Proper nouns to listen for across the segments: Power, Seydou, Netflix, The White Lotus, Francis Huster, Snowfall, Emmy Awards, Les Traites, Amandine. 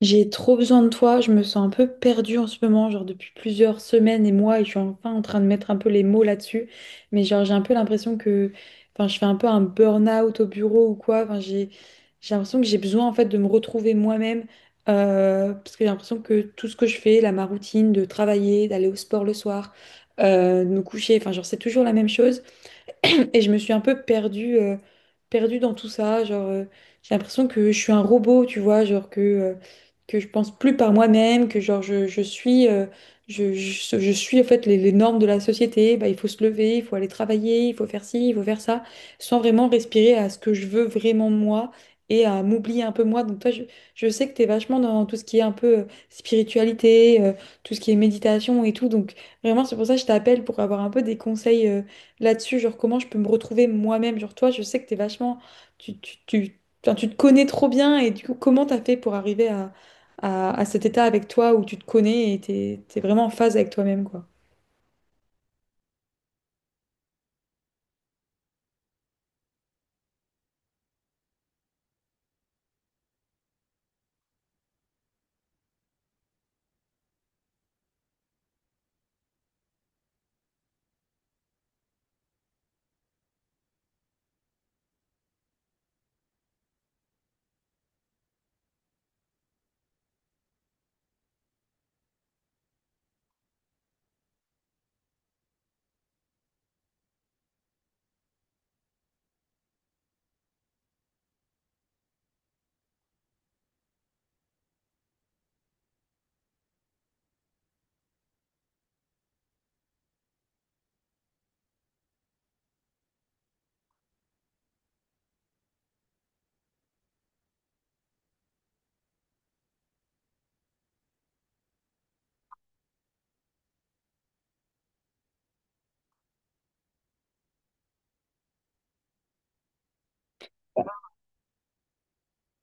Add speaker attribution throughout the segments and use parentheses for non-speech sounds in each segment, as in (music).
Speaker 1: J'ai trop besoin de toi, je me sens un peu perdue en ce moment, genre depuis plusieurs semaines et mois, et je suis enfin en train de mettre un peu les mots là-dessus, mais genre j'ai un peu l'impression que, enfin je fais un peu un burn-out au bureau ou quoi, enfin j'ai l'impression que j'ai besoin en fait de me retrouver moi-même, parce que j'ai l'impression que tout ce que je fais, là ma routine de travailler, d'aller au sport le soir, de me coucher, enfin genre c'est toujours la même chose. (clears throat) Et je me suis un peu perdue dans tout ça. Genre, j'ai l'impression que je suis un robot, tu vois, genre que je pense plus par moi-même, que genre je suis, je suis en fait les normes de la société. Bah, il faut se lever, il faut aller travailler, il faut faire ci, il faut faire ça, sans vraiment respirer à ce que je veux vraiment moi et à m'oublier un peu moi. Donc toi, je sais que tu es vachement dans tout ce qui est un peu spiritualité, tout ce qui est méditation et tout. Donc vraiment, c'est pour ça que je t'appelle pour avoir un peu des conseils, là-dessus, genre comment je peux me retrouver moi-même, genre toi, je sais que t'es vachement, enfin, tu te connais trop bien et du coup, comment t'as fait pour arriver à cet état avec toi où tu te connais et t'es vraiment en phase avec toi-même, quoi.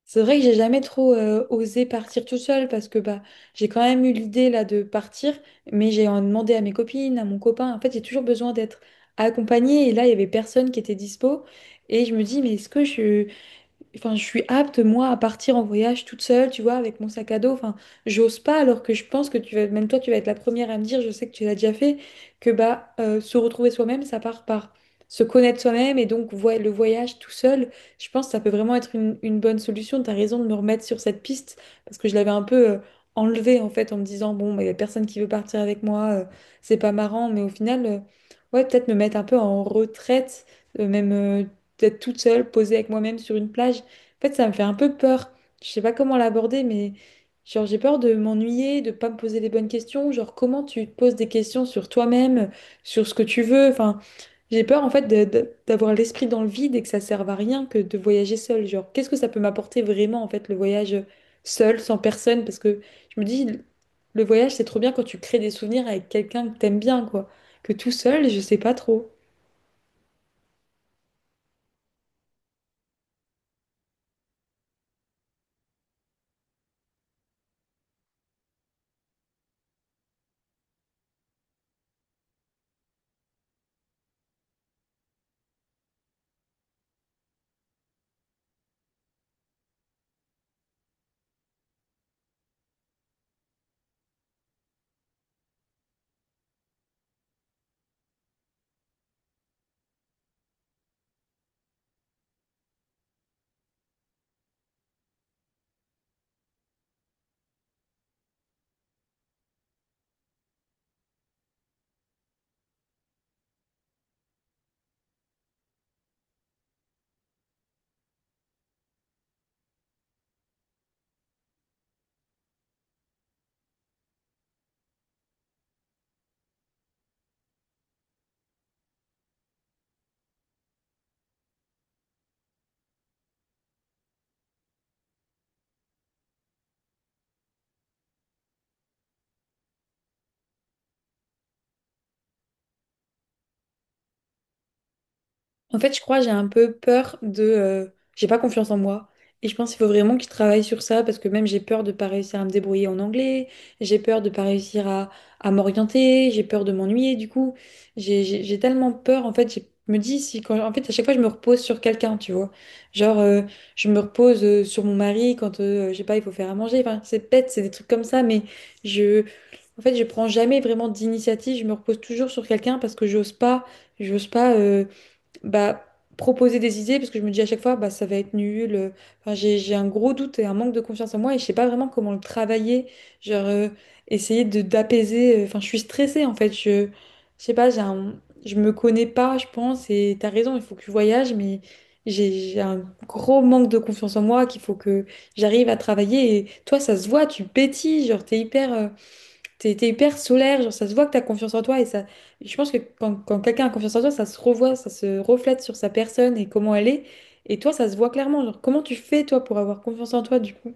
Speaker 1: C'est vrai que j'ai jamais trop osé partir tout seul parce que bah j'ai quand même eu l'idée là de partir, mais j'ai en demandé à mes copines, à mon copain. En fait, j'ai toujours besoin d'être accompagnée et là, il y avait personne qui était dispo et je me dis mais Enfin, je suis apte, moi, à partir en voyage toute seule, tu vois, avec mon sac à dos. Enfin, j'ose pas, alors que je pense que tu vas, même toi, tu vas être la première à me dire, je sais que tu l'as déjà fait, que bah, se retrouver soi-même, ça part par se connaître soi-même. Et donc, le voyage tout seul, je pense que ça peut vraiment être une bonne solution. Tu as raison de me remettre sur cette piste, parce que je l'avais un peu enlevée, en fait, en me disant, bon, il y a personne qui veut partir avec moi, c'est pas marrant. Mais au final, ouais, peut-être me mettre un peu en retraite, même. D'être toute seule, posée avec moi-même sur une plage. En fait, ça me fait un peu peur. Je sais pas comment l'aborder, mais genre j'ai peur de m'ennuyer, de pas me poser les bonnes questions. Genre comment tu te poses des questions sur toi-même, sur ce que tu veux. Enfin, j'ai peur en fait d'avoir l'esprit dans le vide et que ça serve à rien que de voyager seul. Genre qu'est-ce que ça peut m'apporter vraiment en fait le voyage seul, sans personne? Parce que je me dis le voyage c'est trop bien quand tu crées des souvenirs avec quelqu'un que t'aimes bien quoi. Que tout seul, je sais pas trop. En fait, je crois que j'ai un peu peur de... j'ai pas confiance en moi. Et je pense qu'il faut vraiment que je travaille sur ça parce que même j'ai peur de pas réussir à me débrouiller en anglais, j'ai peur de pas réussir à m'orienter, j'ai peur de m'ennuyer du coup. J'ai tellement peur, en fait, je me dis si quand... En fait, à chaque fois, je me repose sur quelqu'un, tu vois. Genre, je me repose sur mon mari quand, je sais pas, il faut faire à manger. Enfin, c'est bête, c'est des trucs comme ça, mais je... En fait, je prends jamais vraiment d'initiative, je me repose toujours sur quelqu'un parce que j'ose pas. J'ose pas. Bah, proposer des idées parce que je me dis à chaque fois bah, ça va être nul. Enfin, j'ai un gros doute et un manque de confiance en moi et je sais pas vraiment comment le travailler. Genre essayer de d'apaiser. Enfin, je suis stressée en fait. Je sais pas, je me connais pas, je pense. Et t'as raison, il faut que je voyage, mais j'ai un gros manque de confiance en moi qu'il faut que j'arrive à travailler. Et toi, ça se voit, tu pétilles, genre T'es, hyper solaire, genre ça se voit que t'as confiance en toi et ça. Je pense que quand quelqu'un a confiance en toi, ça se revoit, ça se reflète sur sa personne et comment elle est. Et toi, ça se voit clairement. Genre, comment tu fais toi pour avoir confiance en toi du coup,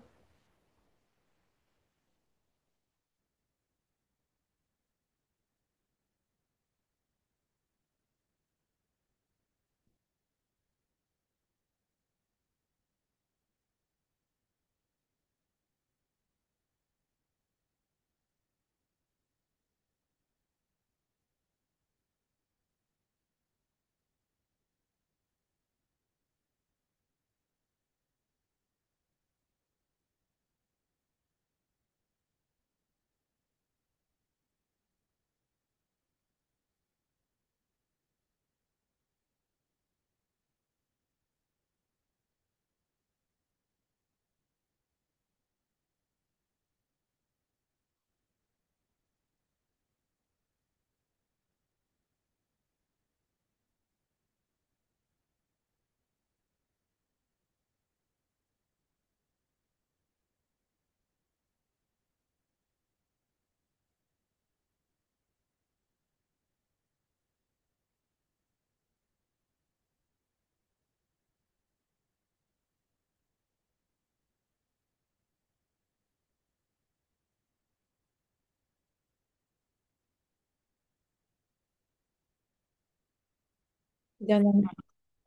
Speaker 1: dernièrement?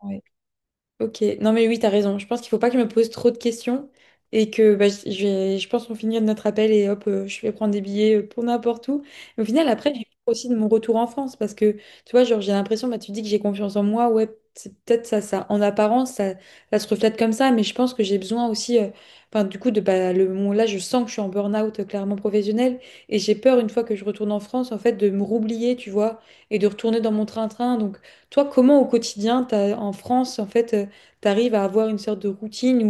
Speaker 1: Ouais. Ok, non mais oui, t'as raison. Je pense qu'il faut pas que je me pose trop de questions et que bah, je vais, je pense qu'on finit notre appel et hop, je vais prendre des billets pour n'importe où. Mais au final, après, j'ai peur aussi de mon retour en France parce que tu vois, genre, j'ai l'impression, bah, tu dis que j'ai confiance en moi, ouais, c'est peut-être ça. En apparence, ça se reflète comme ça, mais je pense que j'ai besoin aussi, enfin, du coup, de bah, le moment là, je sens que je suis en burn-out clairement professionnel et j'ai peur une fois que je retourne en France, en fait, de me roublier, tu vois, et de retourner dans mon train-train. Donc, toi, comment au quotidien, en France, en fait, tu arrives à avoir une sorte de routine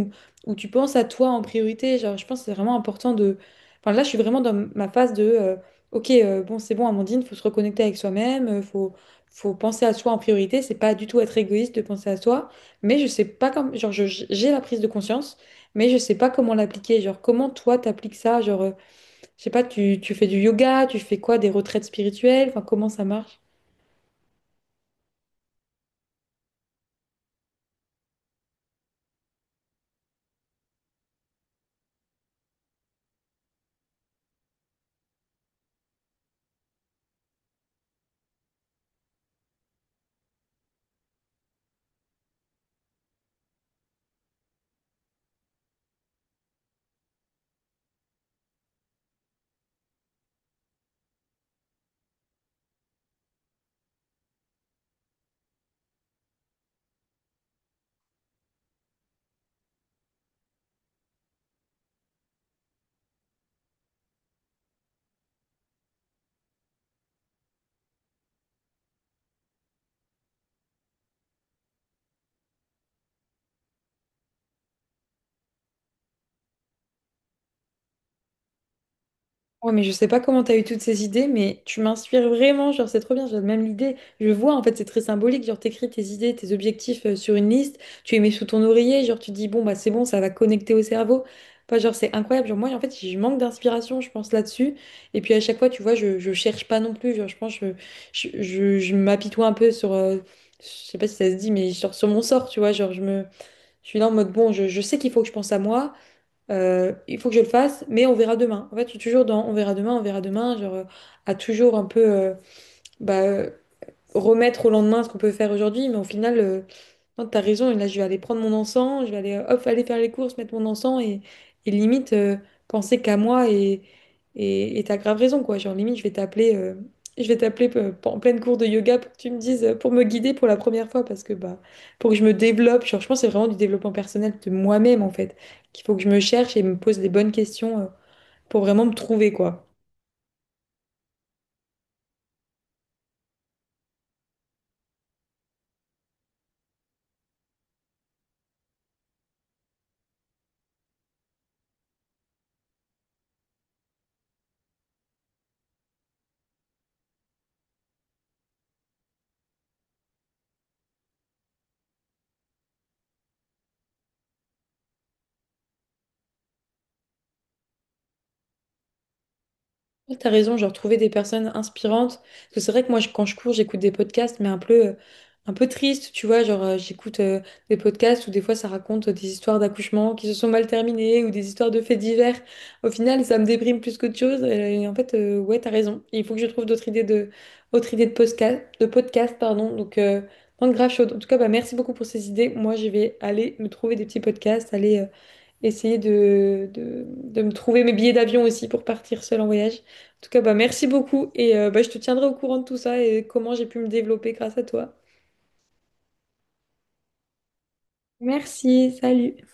Speaker 1: où tu penses à toi en priorité. Genre, je pense que c'est vraiment important de... Enfin, là, je suis vraiment dans ma phase de... ok, bon, c'est bon, Amandine, faut se reconnecter avec soi-même, faut penser à soi en priorité. C'est pas du tout être égoïste de penser à soi, mais je sais pas comme... Genre, j'ai la prise de conscience, mais je sais pas comment l'appliquer. Genre, comment toi, t'appliques ça? Genre, je sais pas, tu fais du yoga, tu fais quoi, des retraites spirituelles? Enfin, comment ça marche? Ouais, mais je sais pas comment t'as eu toutes ces idées, mais tu m'inspires vraiment, genre c'est trop bien, j'ai même l'idée. Je vois, en fait, c'est très symbolique, genre t'écris tes idées, tes objectifs sur une liste, tu les mets sous ton oreiller, genre tu dis bon bah c'est bon, ça va connecter au cerveau. Enfin, genre c'est incroyable, genre moi en fait je manque d'inspiration, je pense là-dessus. Et puis à chaque fois, tu vois, je cherche pas non plus, genre je pense je m'apitoie un peu sur, je sais pas si ça se dit, mais sur mon sort, tu vois, genre je suis là en mode bon, je sais qu'il faut que je pense à moi. Il faut que je le fasse, mais on verra demain. En fait, je suis toujours dans on verra demain, genre à toujours un peu bah, euh, remettre au lendemain ce qu'on peut faire aujourd'hui, mais au final, non, t'as raison, et là, je vais aller prendre mon encens, je vais aller, hop, aller faire les courses, mettre mon encens, et limite, penser qu'à moi, et t'as grave raison, quoi. Genre, limite, je vais t'appeler en pleine cours de yoga pour que tu me dises, pour me guider pour la première fois, parce que, bah, pour que je me développe, genre, je pense que c'est vraiment du développement personnel de moi-même, en fait, qu'il faut que je me cherche et me pose les bonnes questions, pour vraiment me trouver, quoi. Ouais, t'as raison, genre trouver des personnes inspirantes. Parce que c'est vrai que moi, quand je cours, j'écoute des podcasts, mais un peu triste, tu vois. Genre, j'écoute des podcasts où des fois, ça raconte des histoires d'accouchement qui se sont mal terminées ou des histoires de faits divers. Au final, ça me déprime plus qu'autre chose. Et, en fait, ouais, t'as raison. Il faut que je trouve d'autres idées de, autres idées de podcast, pardon. Donc, non, grave chaude. En tout cas, bah, merci beaucoup pour ces idées. Moi, je vais aller me trouver des petits podcasts, aller. Essayer de me trouver mes billets d'avion aussi pour partir seule en voyage. En tout cas, bah, merci beaucoup et bah, je te tiendrai au courant de tout ça et comment j'ai pu me développer grâce à toi. Merci, salut.